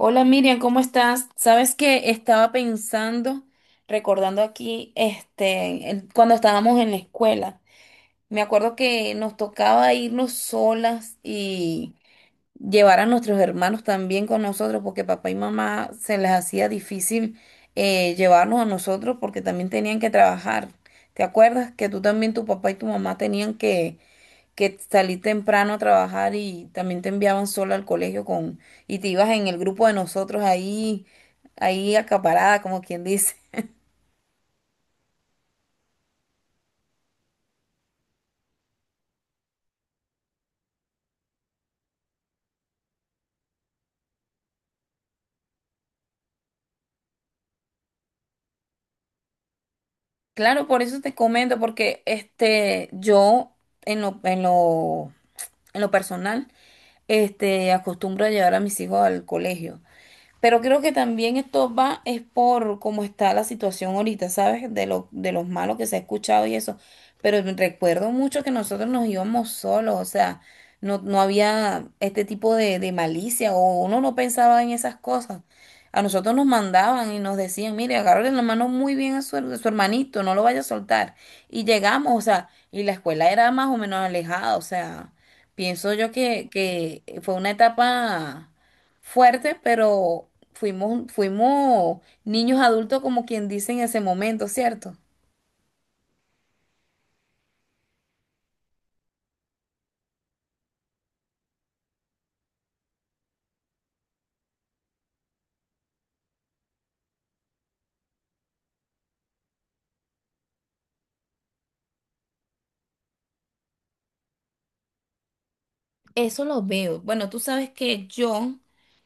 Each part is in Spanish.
Hola Miriam, ¿cómo estás? Sabes que estaba pensando, recordando aquí, este, cuando estábamos en la escuela, me acuerdo que nos tocaba irnos solas y llevar a nuestros hermanos también con nosotros, porque papá y mamá se les hacía difícil llevarnos a nosotros porque también tenían que trabajar. ¿Te acuerdas que tú también, tu papá y tu mamá tenían que salí temprano a trabajar y también te enviaban sola al colegio con, y te ibas en el grupo de nosotros ahí, ahí acaparada, como quien dice? Claro, por eso te comento, porque este, yo en lo, en lo, en lo personal, este, acostumbro a llevar a mis hijos al colegio. Pero creo que también esto va, es por cómo está la situación ahorita, ¿sabes? De los malos que se ha escuchado y eso. Pero me recuerdo mucho que nosotros nos íbamos solos, o sea, no, no había este tipo de malicia o uno no pensaba en esas cosas. A nosotros nos mandaban y nos decían, mire, agárrale la mano muy bien a a su hermanito, no lo vaya a soltar. Y llegamos, o sea, y la escuela era más o menos alejada, o sea, pienso yo que fue una etapa fuerte, pero fuimos niños adultos como quien dice en ese momento, ¿cierto? Eso lo veo. Bueno, tú sabes que yo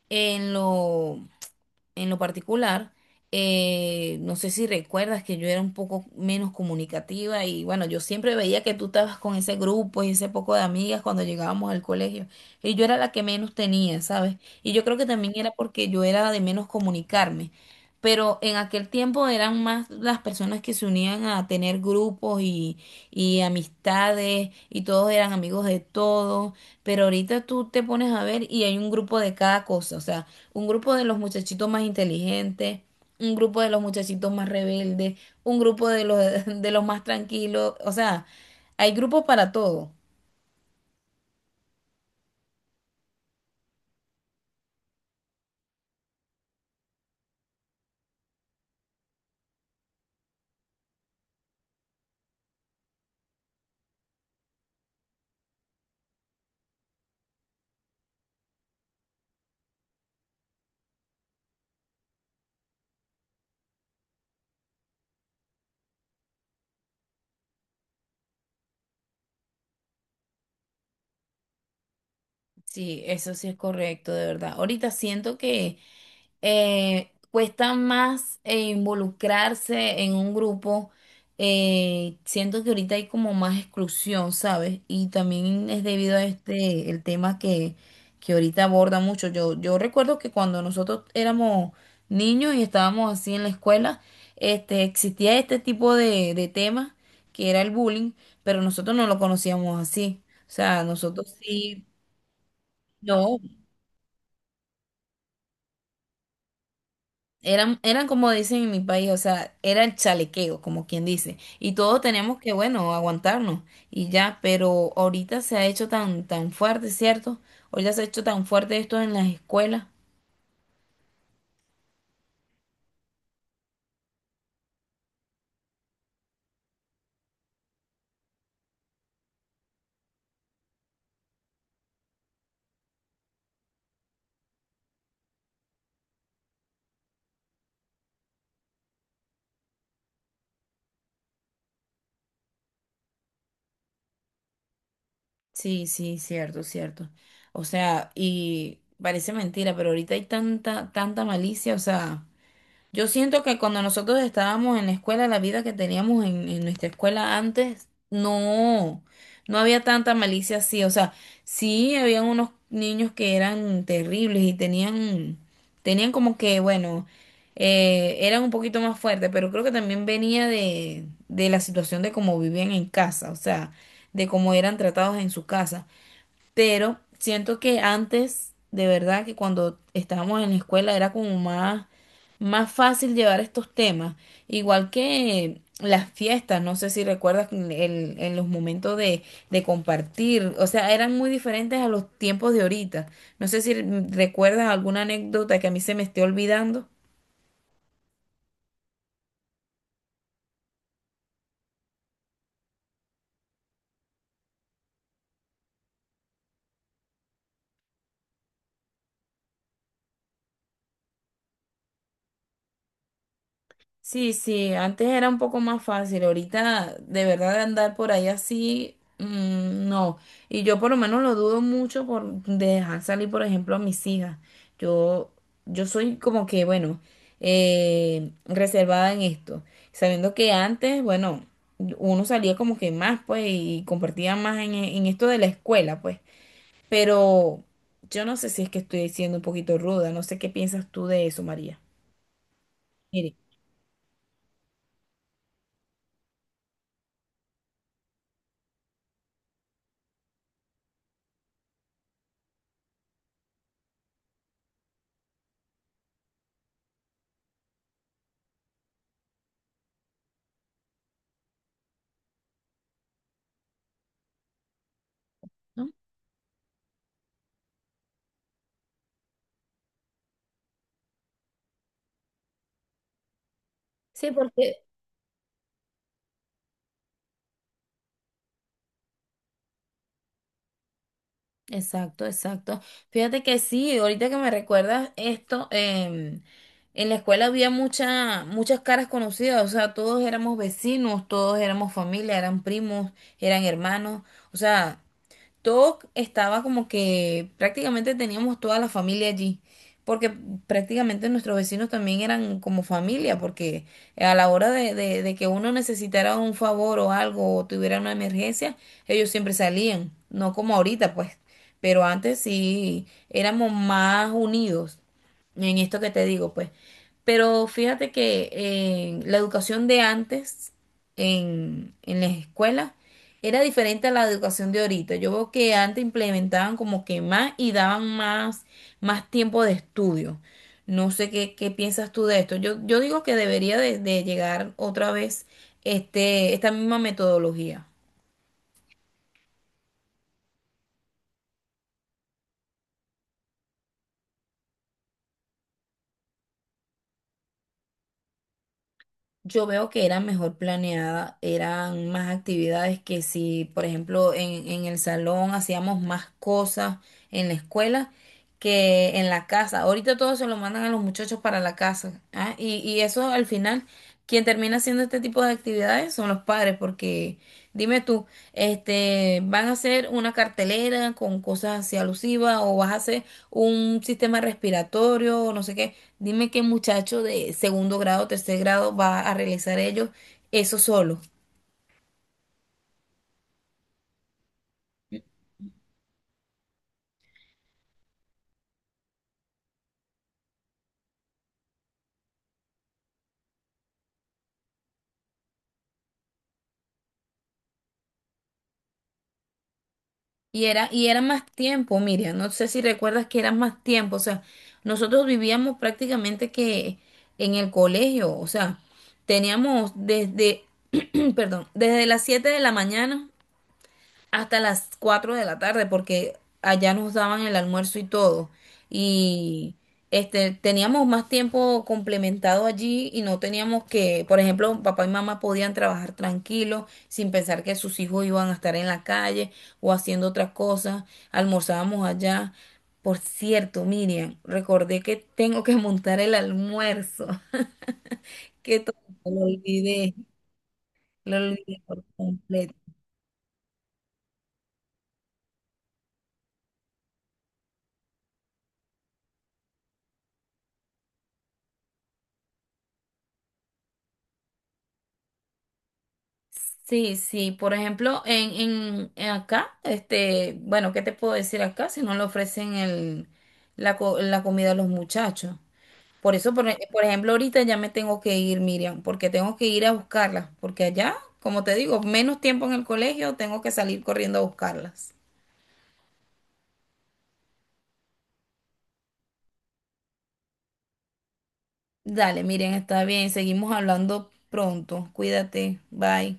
en lo, en lo particular, no sé si recuerdas que yo era un poco menos comunicativa y bueno, yo siempre veía que tú estabas con ese grupo y ese poco de amigas cuando llegábamos al colegio y yo era la que menos tenía, ¿sabes? Y yo creo que también era porque yo era de menos comunicarme. Pero en aquel tiempo eran más las personas que se unían a tener grupos y amistades y todos eran amigos de todos, pero ahorita tú te pones a ver y hay un grupo de cada cosa, o sea, un grupo de los muchachitos más inteligentes, un grupo de los muchachitos más rebeldes, un grupo de los, de los más tranquilos, o sea, hay grupos para todo. Sí, eso sí es correcto, de verdad. Ahorita siento que cuesta más involucrarse en un grupo. Siento que ahorita hay como más exclusión, ¿sabes? Y también es debido a este, el tema que ahorita aborda mucho. Yo recuerdo que cuando nosotros éramos niños y estábamos así en la escuela, este, existía este tipo de temas que era el bullying, pero nosotros no lo conocíamos así. O sea, nosotros sí. No, eran, eran como dicen en mi país, o sea, era el chalequeo, como quien dice. Y todos tenemos que, bueno, aguantarnos y ya, pero ahorita se ha hecho tan fuerte, ¿cierto? Ahorita se ha hecho tan fuerte esto en las escuelas. Sí, sí, cierto, cierto. O sea, y parece mentira, pero ahorita hay tanta malicia, o sea. Yo siento que cuando nosotros estábamos en la escuela, la vida que teníamos en nuestra escuela antes, no, no había tanta malicia así. O sea, sí habían unos niños que eran terribles y tenían, tenían como que, bueno, eran un poquito más fuertes, pero creo que también venía de la situación de cómo vivían en casa, o sea, de cómo eran tratados en su casa, pero siento que antes, de verdad, que cuando estábamos en la escuela era como más fácil llevar estos temas. Igual que las fiestas, no sé si recuerdas en los momentos de compartir, o sea, eran muy diferentes a los tiempos de ahorita. No sé si recuerdas alguna anécdota que a mí se me esté olvidando. Sí, sí, antes era un poco más fácil, ahorita de verdad andar por ahí así, no. Y yo por lo menos lo dudo mucho por de dejar salir, por ejemplo, a mis hijas. Yo, yo soy como que, bueno, reservada en esto, sabiendo que antes, bueno, uno salía como que más, pues, y compartía más en esto de la escuela, pues. Pero yo no sé si es que estoy siendo un poquito ruda, no sé qué piensas tú de eso, María. Mire, ¿no? Sí, porque exacto, exacto. Fíjate que sí, ahorita que me recuerdas esto, en la escuela había muchas caras conocidas, o sea, todos éramos vecinos, todos éramos familia, eran primos, eran hermanos, o sea, todo estaba como que prácticamente teníamos toda la familia allí, porque prácticamente nuestros vecinos también eran como familia, porque a la hora de que uno necesitara un favor o algo o tuviera una emergencia, ellos siempre salían, no como ahorita pues, pero antes sí éramos más unidos en esto que te digo pues. Pero fíjate que la educación de antes en las escuelas era diferente a la educación de ahorita. Yo veo que antes implementaban como que más y daban más tiempo de estudio. No sé qué piensas tú de esto. Yo digo que debería de llegar otra vez este, esta misma metodología. Yo veo que era mejor planeada, eran más actividades que si, por ejemplo, en el salón hacíamos más cosas en la escuela que en la casa. Ahorita todo se lo mandan a los muchachos para la casa, ¿ah? Y eso al final, quien termina haciendo este tipo de actividades son los padres, porque dime tú, este, van a hacer una cartelera con cosas así alusivas o vas a hacer un sistema respiratorio o no sé qué. Dime qué muchacho de segundo grado, tercer grado va a realizar ellos eso solo. Y era más tiempo, Miriam. No sé si recuerdas que era más tiempo. O sea, nosotros vivíamos prácticamente que en el colegio. O sea, teníamos desde, perdón, desde las 7 de la mañana hasta las 4 de la tarde, porque allá nos daban el almuerzo y todo. Y este, teníamos más tiempo complementado allí y no teníamos que, por ejemplo, papá y mamá podían trabajar tranquilos sin pensar que sus hijos iban a estar en la calle o haciendo otras cosas. Almorzábamos allá. Por cierto, Miriam, recordé que tengo que montar el almuerzo. Que todo lo olvidé, lo olvidé por completo. Sí, sí, por ejemplo, en acá, este, bueno, ¿qué te puedo decir acá si no le ofrecen la comida a los muchachos? Por eso, por ejemplo, ahorita ya me tengo que ir, Miriam, porque tengo que ir a buscarlas, porque allá, como te digo, menos tiempo en el colegio, tengo que salir corriendo a buscarlas. Dale, Miriam, está bien, seguimos hablando pronto, cuídate, bye.